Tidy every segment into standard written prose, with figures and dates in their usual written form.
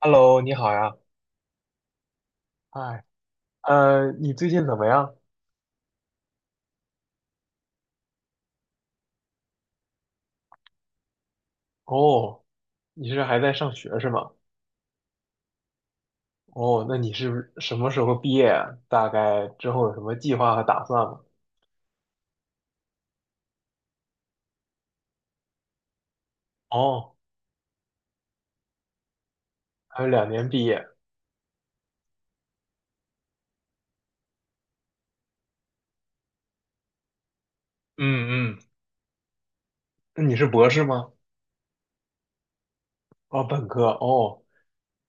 Hello，你好呀，嗨，你最近怎么样？哦，你是还在上学是吗？哦，那你是不是什么时候毕业啊大概之后有什么计划和打算吗？哦，还有两年毕业。嗯，那你是博士吗？哦，本科。哦，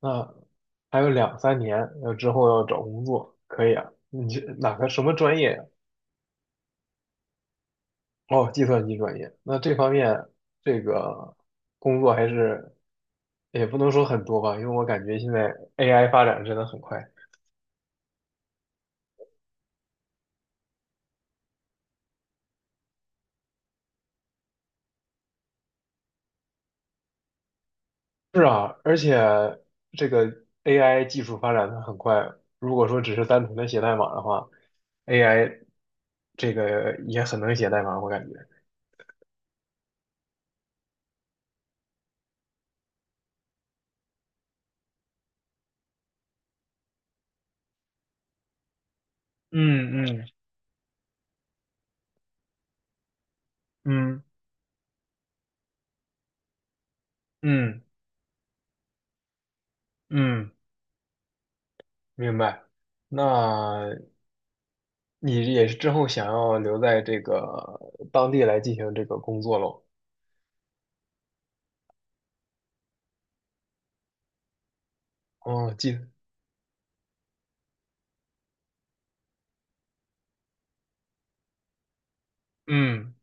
那还有两三年，之后要找工作，可以啊。你是哪个什么专业呀？哦，计算机专业，那这方面这个工作还是也不能说很多吧，因为我感觉现在 AI 发展真的很快。是啊，而且这个 AI 技术发展的很快，如果说只是单纯的写代码的话，AI 这个也很能写代码，我感觉。嗯嗯嗯嗯嗯，明白。那你也是之后想要留在这个当地来进行这个工作喽？哦，记得，嗯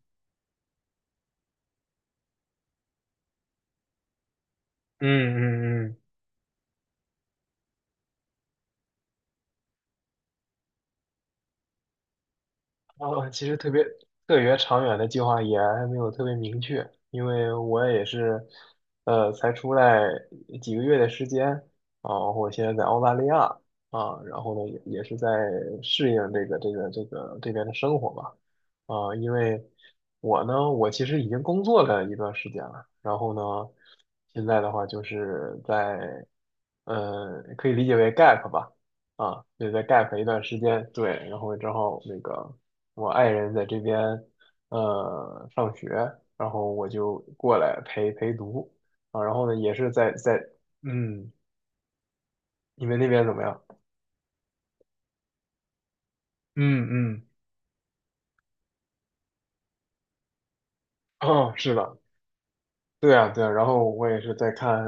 嗯。然后其实特别长远的计划也还没有特别明确，因为我也是，才出来几个月的时间啊，我现在在澳大利亚啊，然后呢也是在适应这个这边的生活吧，啊，因为我呢，我其实已经工作了一段时间了，然后呢，现在的话就是在，可以理解为 gap 吧。啊，对，在 gap 一段时间，对，然后正好那个我爱人在这边上学，然后我就过来陪读啊，然后呢也是在嗯，你们那边怎么样？嗯嗯，哦，是的，对啊，对啊，然后我也是在看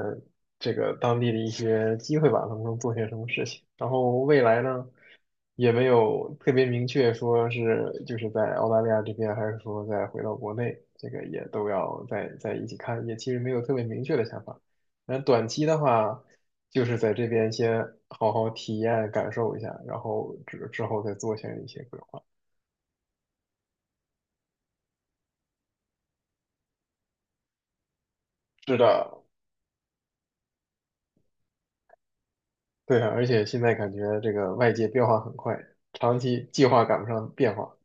这个当地的一些机会吧，能不能做些什么事情。然后未来呢，也没有特别明确说是就是在澳大利亚这边，还是说再回到国内，这个也都要再一起看，也其实没有特别明确的想法。那短期的话，就是在这边先好好体验感受一下，然后之后再做下一些规划。是的，对啊，而且现在感觉这个外界变化很快，长期计划赶不上变化。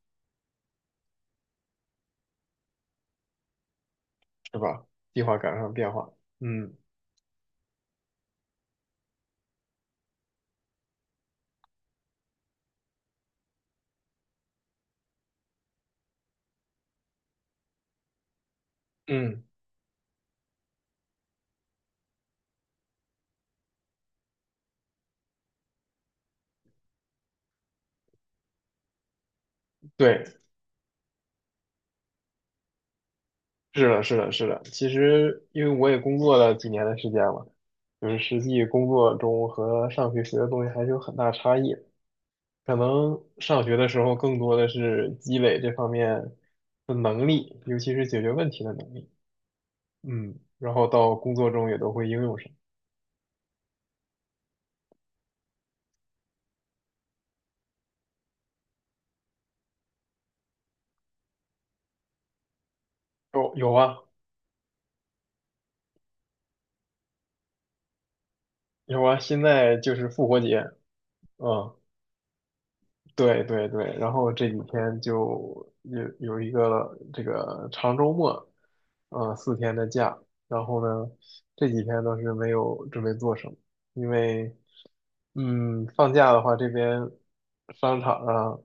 是吧？计划赶上变化。嗯嗯，对，是的。其实因为我也工作了几年的时间了，就是实际工作中和上学学的东西还是有很大差异。可能上学的时候更多的是积累这方面的能力，尤其是解决问题的能力。嗯，然后到工作中也都会应用上。有有啊有啊，现在就是复活节，嗯。对对对，然后这几天就有一个这个长周末，嗯，四天的假，然后呢，这几天倒是没有准备做什么，因为，嗯，放假的话，这边商场啊、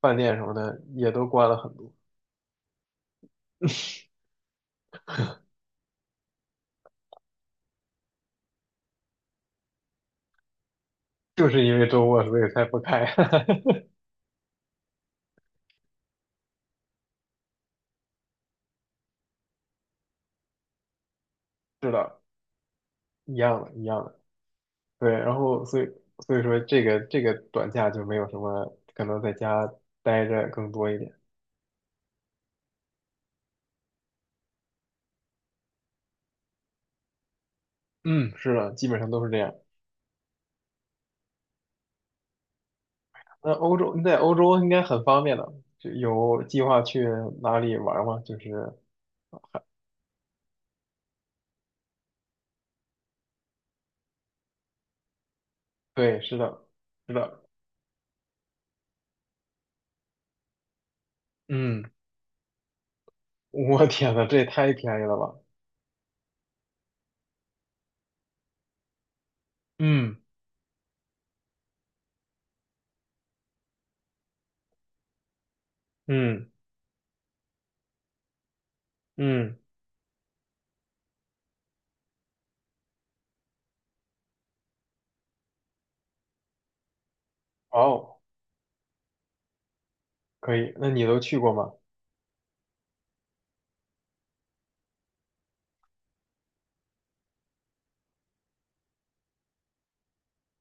饭店什么的也都关了很多，就是因为周末所以才不开。是的，一样的，对，然后所以说这个这个短假就没有什么，可能在家待着更多一点。嗯，是的，基本上都是这样。那欧洲，你在欧洲应该很方便的，就有计划去哪里玩吗？就是，对，是的，嗯，我天呐，这也太便宜了吧！嗯嗯嗯，哦，可以，那你都去过吗？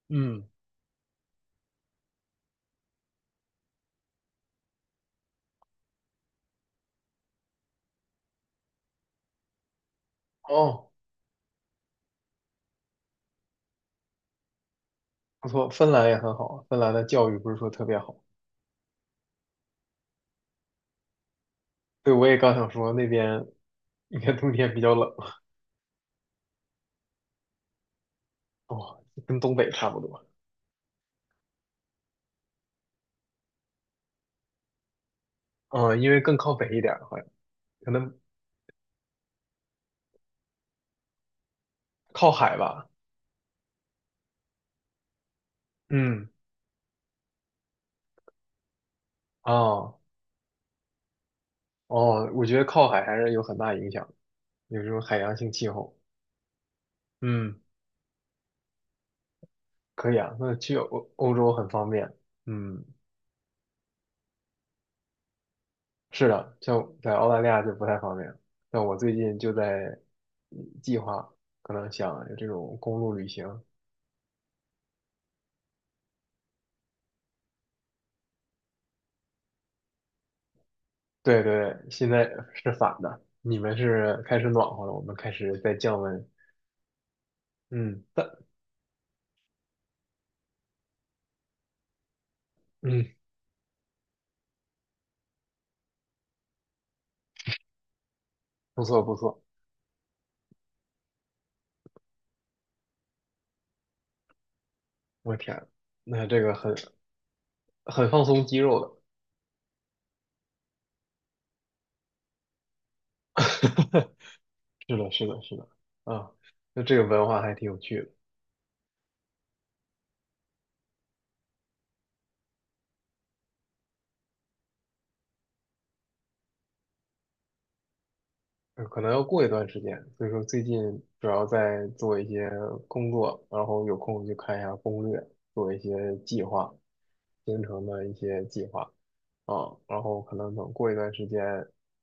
嗯，哦，不错，芬兰也很好啊，芬兰的教育不是说特别好。对，我也刚想说那边你看冬天比较冷，哇，跟东北差不多。嗯，因为更靠北一点儿，好像可能靠海吧。嗯。哦哦，我觉得靠海还是有很大影响的，有时候海洋性气候。嗯，可以啊，那去欧洲很方便。嗯，是的，像在澳大利亚就不太方便。但我最近就在计划，可能想有这种公路旅行。对对，现在是反的，你们是开始暖和了，我们开始在降温。嗯，但嗯，不错不错，我天，那这个很放松肌肉的。是的，啊，那这个文化还挺有趣的，可能要过一段时间，所以说最近主要在做一些工作，然后有空就看一下攻略，做一些计划，行程的一些计划，啊，然后可能等过一段时间，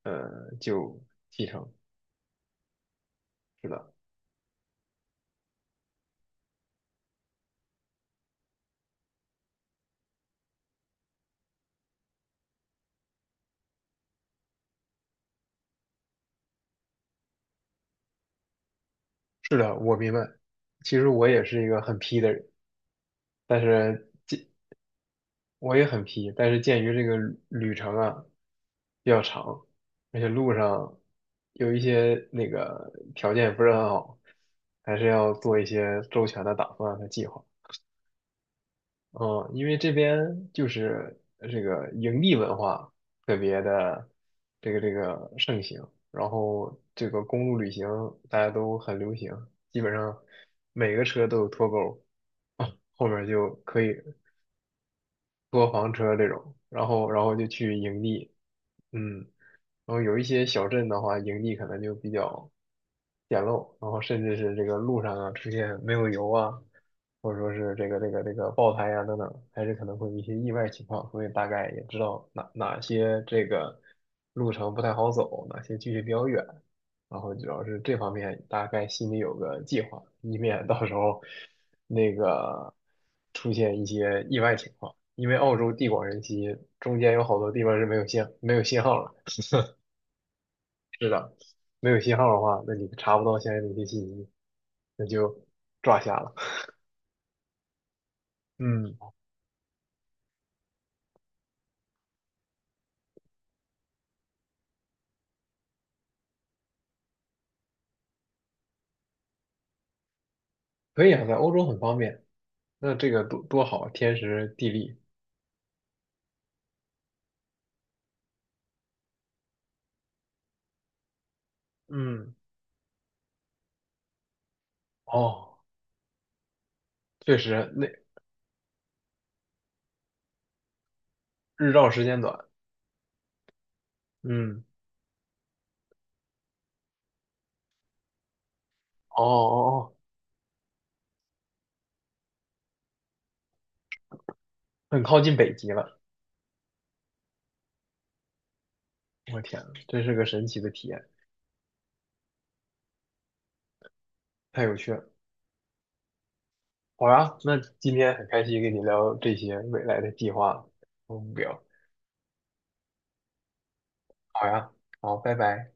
就启程。是的，是的，我明白。其实我也是一个很 P 的人，但是。我也很皮，但是鉴于这个旅程啊比较长，而且路上有一些那个条件不是很好，还是要做一些周全的打算和计划。嗯，因为这边就是这个营地文化特别的这个盛行，然后这个公路旅行大家都很流行，基本上每个车都有拖钩，啊，后面就可以坐房车这种，然后就去营地，嗯，然后有一些小镇的话，营地可能就比较简陋，然后甚至是这个路上啊出现没有油啊，或者说是这个爆胎啊等等，还是可能会有一些意外情况，所以大概也知道哪些这个路程不太好走，哪些距离比较远，然后主要是这方面大概心里有个计划，以免到时候那个出现一些意外情况。因为澳洲地广人稀，中间有好多地方是没有信号了。是的，没有信号的话，那你查不到相应的一些信息，那就抓瞎了。嗯，可以啊，在欧洲很方便，那这个多好啊，天时地利。嗯哦，确实，那日照时间短。嗯，哦，很靠近北极了。我天呐，真是个神奇的体验，太有趣了。好呀，那今天很开心跟你聊这些未来的计划和目标。好呀，好，拜拜。